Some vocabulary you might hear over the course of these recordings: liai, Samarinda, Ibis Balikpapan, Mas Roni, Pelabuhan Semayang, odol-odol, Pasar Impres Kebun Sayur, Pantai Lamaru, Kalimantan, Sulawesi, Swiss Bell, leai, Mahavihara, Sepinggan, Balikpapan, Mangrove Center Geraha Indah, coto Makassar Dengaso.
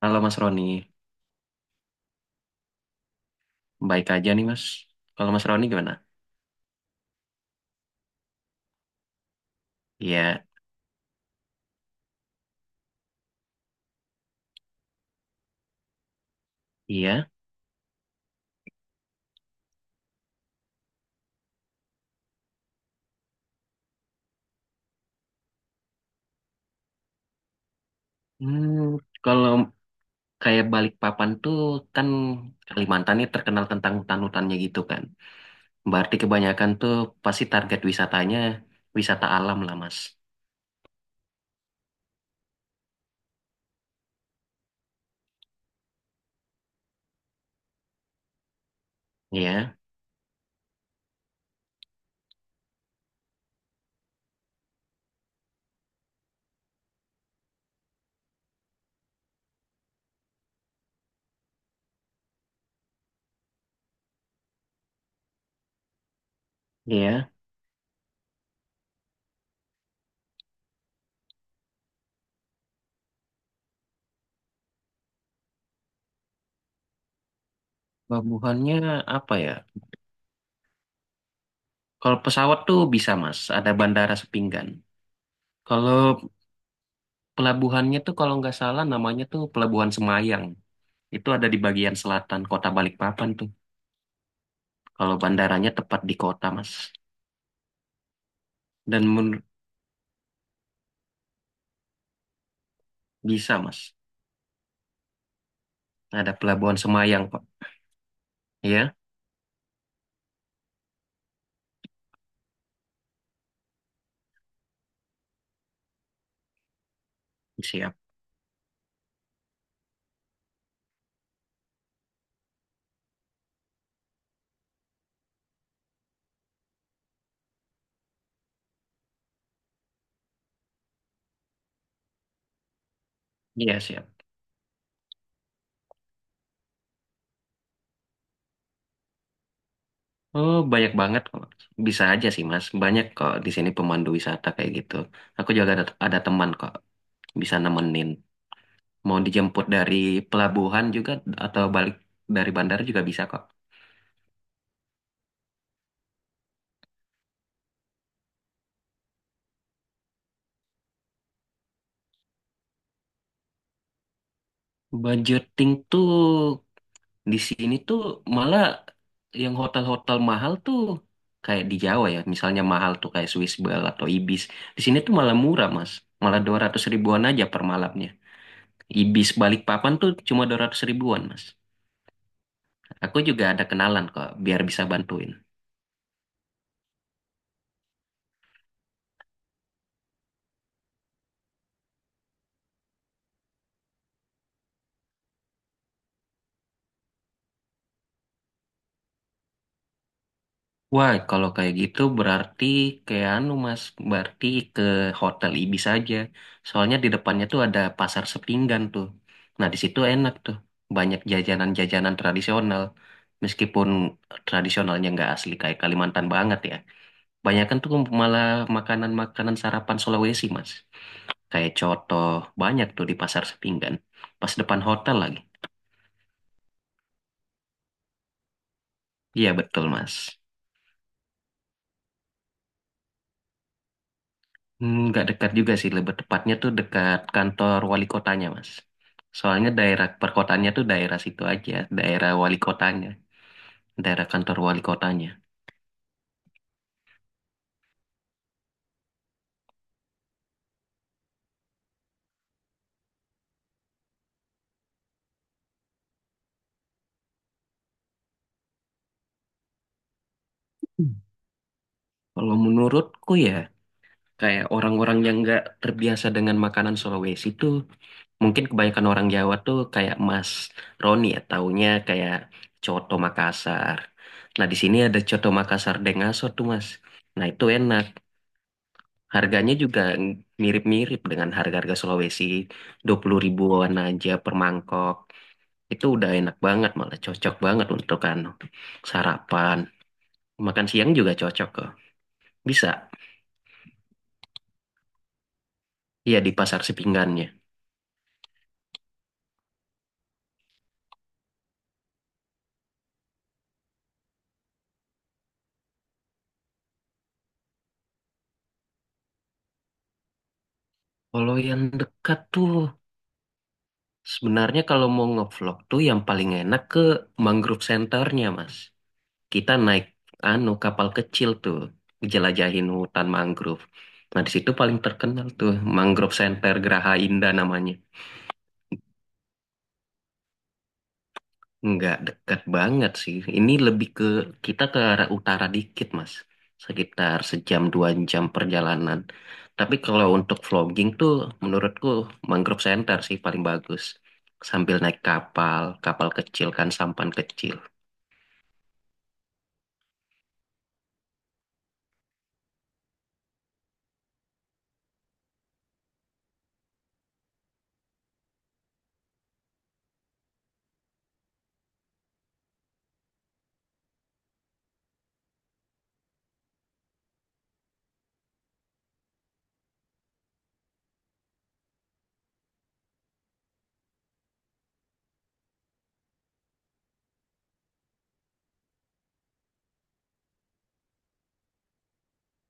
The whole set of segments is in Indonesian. Halo Mas Roni, baik aja nih Mas. Kalau Mas Roni gimana? Iya, iya. Hmm, kalau kayak Balikpapan tuh kan Kalimantan nih terkenal tentang hutan-hutannya gitu kan. Berarti kebanyakan tuh pasti target wisatanya wisata alam lah Mas. Iya, iya. Pelabuhannya apa ya? Kalau pesawat tuh bisa Mas, ada bandara Sepinggan. Kalau pelabuhannya tuh kalau nggak salah namanya tuh Pelabuhan Semayang. Itu ada di bagian selatan kota Balikpapan tuh. Kalau bandaranya tepat di kota, Mas. Dan menur- Bisa, Mas. Ada pelabuhan Semayang, Pak. Ya, siap. Iya, siap. Oh, banyak banget kok. Bisa aja sih, Mas. Banyak kok di sini pemandu wisata kayak gitu. Aku juga ada teman kok bisa nemenin. Mau dijemput dari pelabuhan juga atau balik dari bandara juga bisa kok. Budgeting tuh Di sini tuh malah yang hotel-hotel mahal tuh kayak di Jawa ya, misalnya mahal tuh kayak Swiss Bell atau Ibis. Di sini tuh malah murah, Mas. Malah 200 ribuan aja per malamnya. Ibis Balikpapan tuh cuma 200 ribuan, Mas. Aku juga ada kenalan kok, biar bisa bantuin. Wah, kalau kayak gitu berarti kayak anu Mas, berarti ke Hotel Ibis aja. Soalnya di depannya tuh ada pasar Sepinggan tuh. Nah, di situ enak tuh. Banyak jajanan-jajanan tradisional. Meskipun tradisionalnya nggak asli kayak Kalimantan banget ya. Banyak kan tuh malah makanan-makanan sarapan Sulawesi, Mas. Kayak coto, banyak tuh di pasar Sepinggan. Pas depan hotel lagi. Iya, betul, Mas. Hmm, nggak dekat juga sih, lebih tepatnya tuh dekat kantor wali kotanya, Mas. Soalnya daerah perkotaannya tuh daerah situ aja, daerah wali kotanya, daerah kantor wali kotanya. Hmm. Kalau menurutku ya, kayak orang-orang yang nggak terbiasa dengan makanan Sulawesi tuh, mungkin kebanyakan orang Jawa tuh kayak Mas Roni ya, taunya kayak coto Makassar. Nah, di sini ada coto Makassar Dengaso tuh, Mas. Nah, itu enak. Harganya juga mirip-mirip dengan harga-harga Sulawesi, 20 ribuan aja per mangkok. Itu udah enak banget, malah cocok banget untuk anu sarapan. Makan siang juga cocok kok. Bisa, iya di pasar sepinggannya. Kalau yang dekat tuh, sebenarnya kalau mau ngevlog tuh yang paling enak ke mangrove centernya, Mas. Kita naik anu kapal kecil tuh, jelajahin hutan mangrove. Nah, di situ paling terkenal tuh Mangrove Center Geraha Indah namanya. Nggak dekat banget sih. Ini lebih ke kita ke arah utara dikit, Mas. Sekitar sejam dua jam perjalanan. Tapi kalau untuk vlogging tuh menurutku Mangrove Center sih paling bagus. Sambil naik kapal, kapal kecil kan sampan kecil.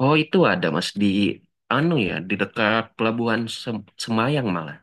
Oh itu ada Mas di anu ya, di dekat pelabuhan Semayang malah.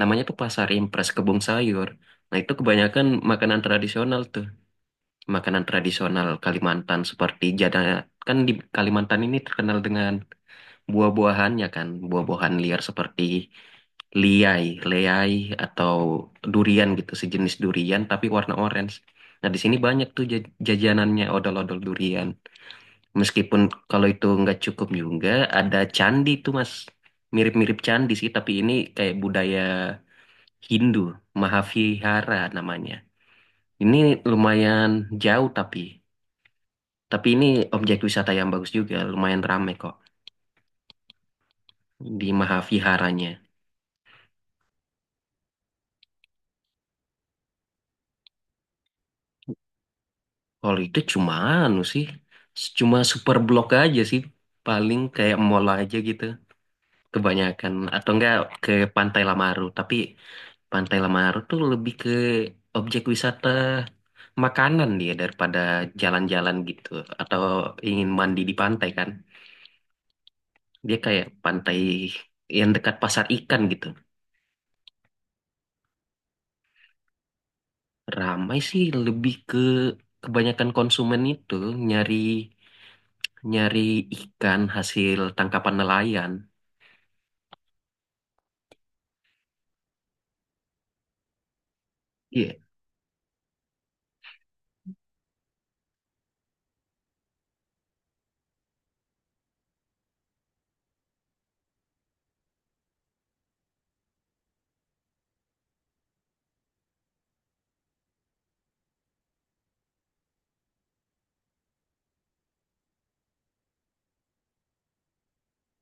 Namanya tuh Pasar Impres Kebun Sayur. Nah itu kebanyakan makanan tradisional tuh. Makanan tradisional Kalimantan seperti jadah kan di Kalimantan ini terkenal dengan buah-buahannya kan buah-buahan liar seperti liai, leai atau durian gitu sejenis durian tapi warna orange. Nah di sini banyak tuh jajanannya odol-odol durian. Meskipun kalau itu nggak cukup juga ada candi tuh mas, mirip-mirip candi sih tapi ini kayak budaya Hindu Mahavihara namanya. Ini lumayan jauh tapi. Tapi ini objek wisata yang bagus juga, lumayan ramai kok di Mahaviharanya. Kalau itu cuma anu sih, cuma super blok aja sih, paling kayak mall aja gitu, kebanyakan atau enggak ke Pantai Lamaru. Tapi Pantai Lamaru tuh lebih ke objek wisata makanan dia daripada jalan-jalan gitu, atau ingin mandi di pantai kan. Dia kayak pantai yang dekat pasar ikan gitu. Ramai sih lebih ke kebanyakan konsumen itu nyari nyari ikan hasil tangkapan nelayan. Iya,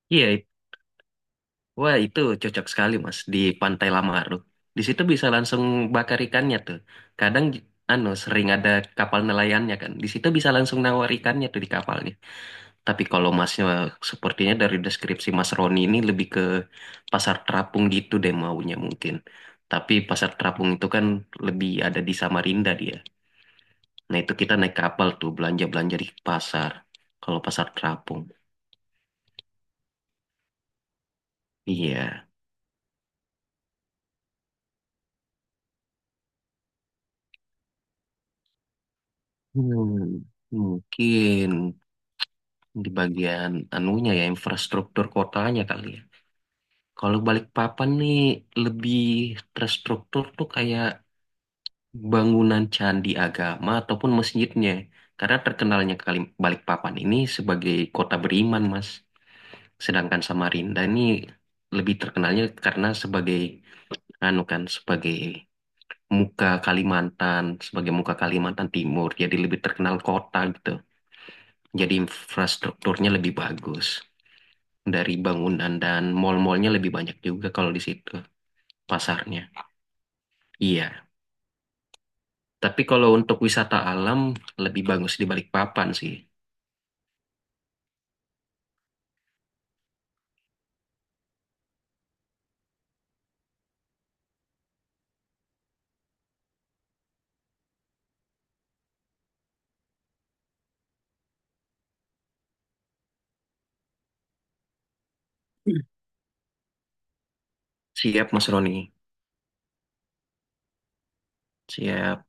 iya. Wah, itu cocok sekali, Mas, di Pantai Lamaru. Di situ bisa langsung bakar ikannya tuh. Kadang anu sering ada kapal nelayannya kan. Di situ bisa langsung nawar ikannya tuh di kapalnya. Tapi kalau masnya sepertinya dari deskripsi Mas Roni ini lebih ke pasar terapung gitu deh maunya mungkin. Tapi pasar terapung itu kan lebih ada di Samarinda dia. Nah itu kita naik kapal tuh belanja-belanja di pasar. Kalau pasar terapung. Iya. Hmm, mungkin di bagian anunya ya infrastruktur kotanya kali ya. Kalau Balikpapan nih lebih terstruktur tuh kayak bangunan candi agama ataupun masjidnya. Karena terkenalnya Balikpapan ini sebagai kota beriman, Mas. Sedangkan Samarinda ini lebih terkenalnya karena sebagai anu kan sebagai muka Kalimantan Timur. Jadi lebih terkenal kota gitu. Jadi infrastrukturnya lebih bagus dari bangunan dan mall-mallnya lebih banyak juga kalau di situ pasarnya. Iya. Tapi kalau untuk wisata alam lebih bagus di Balikpapan sih. Siap Mas Roni, siap.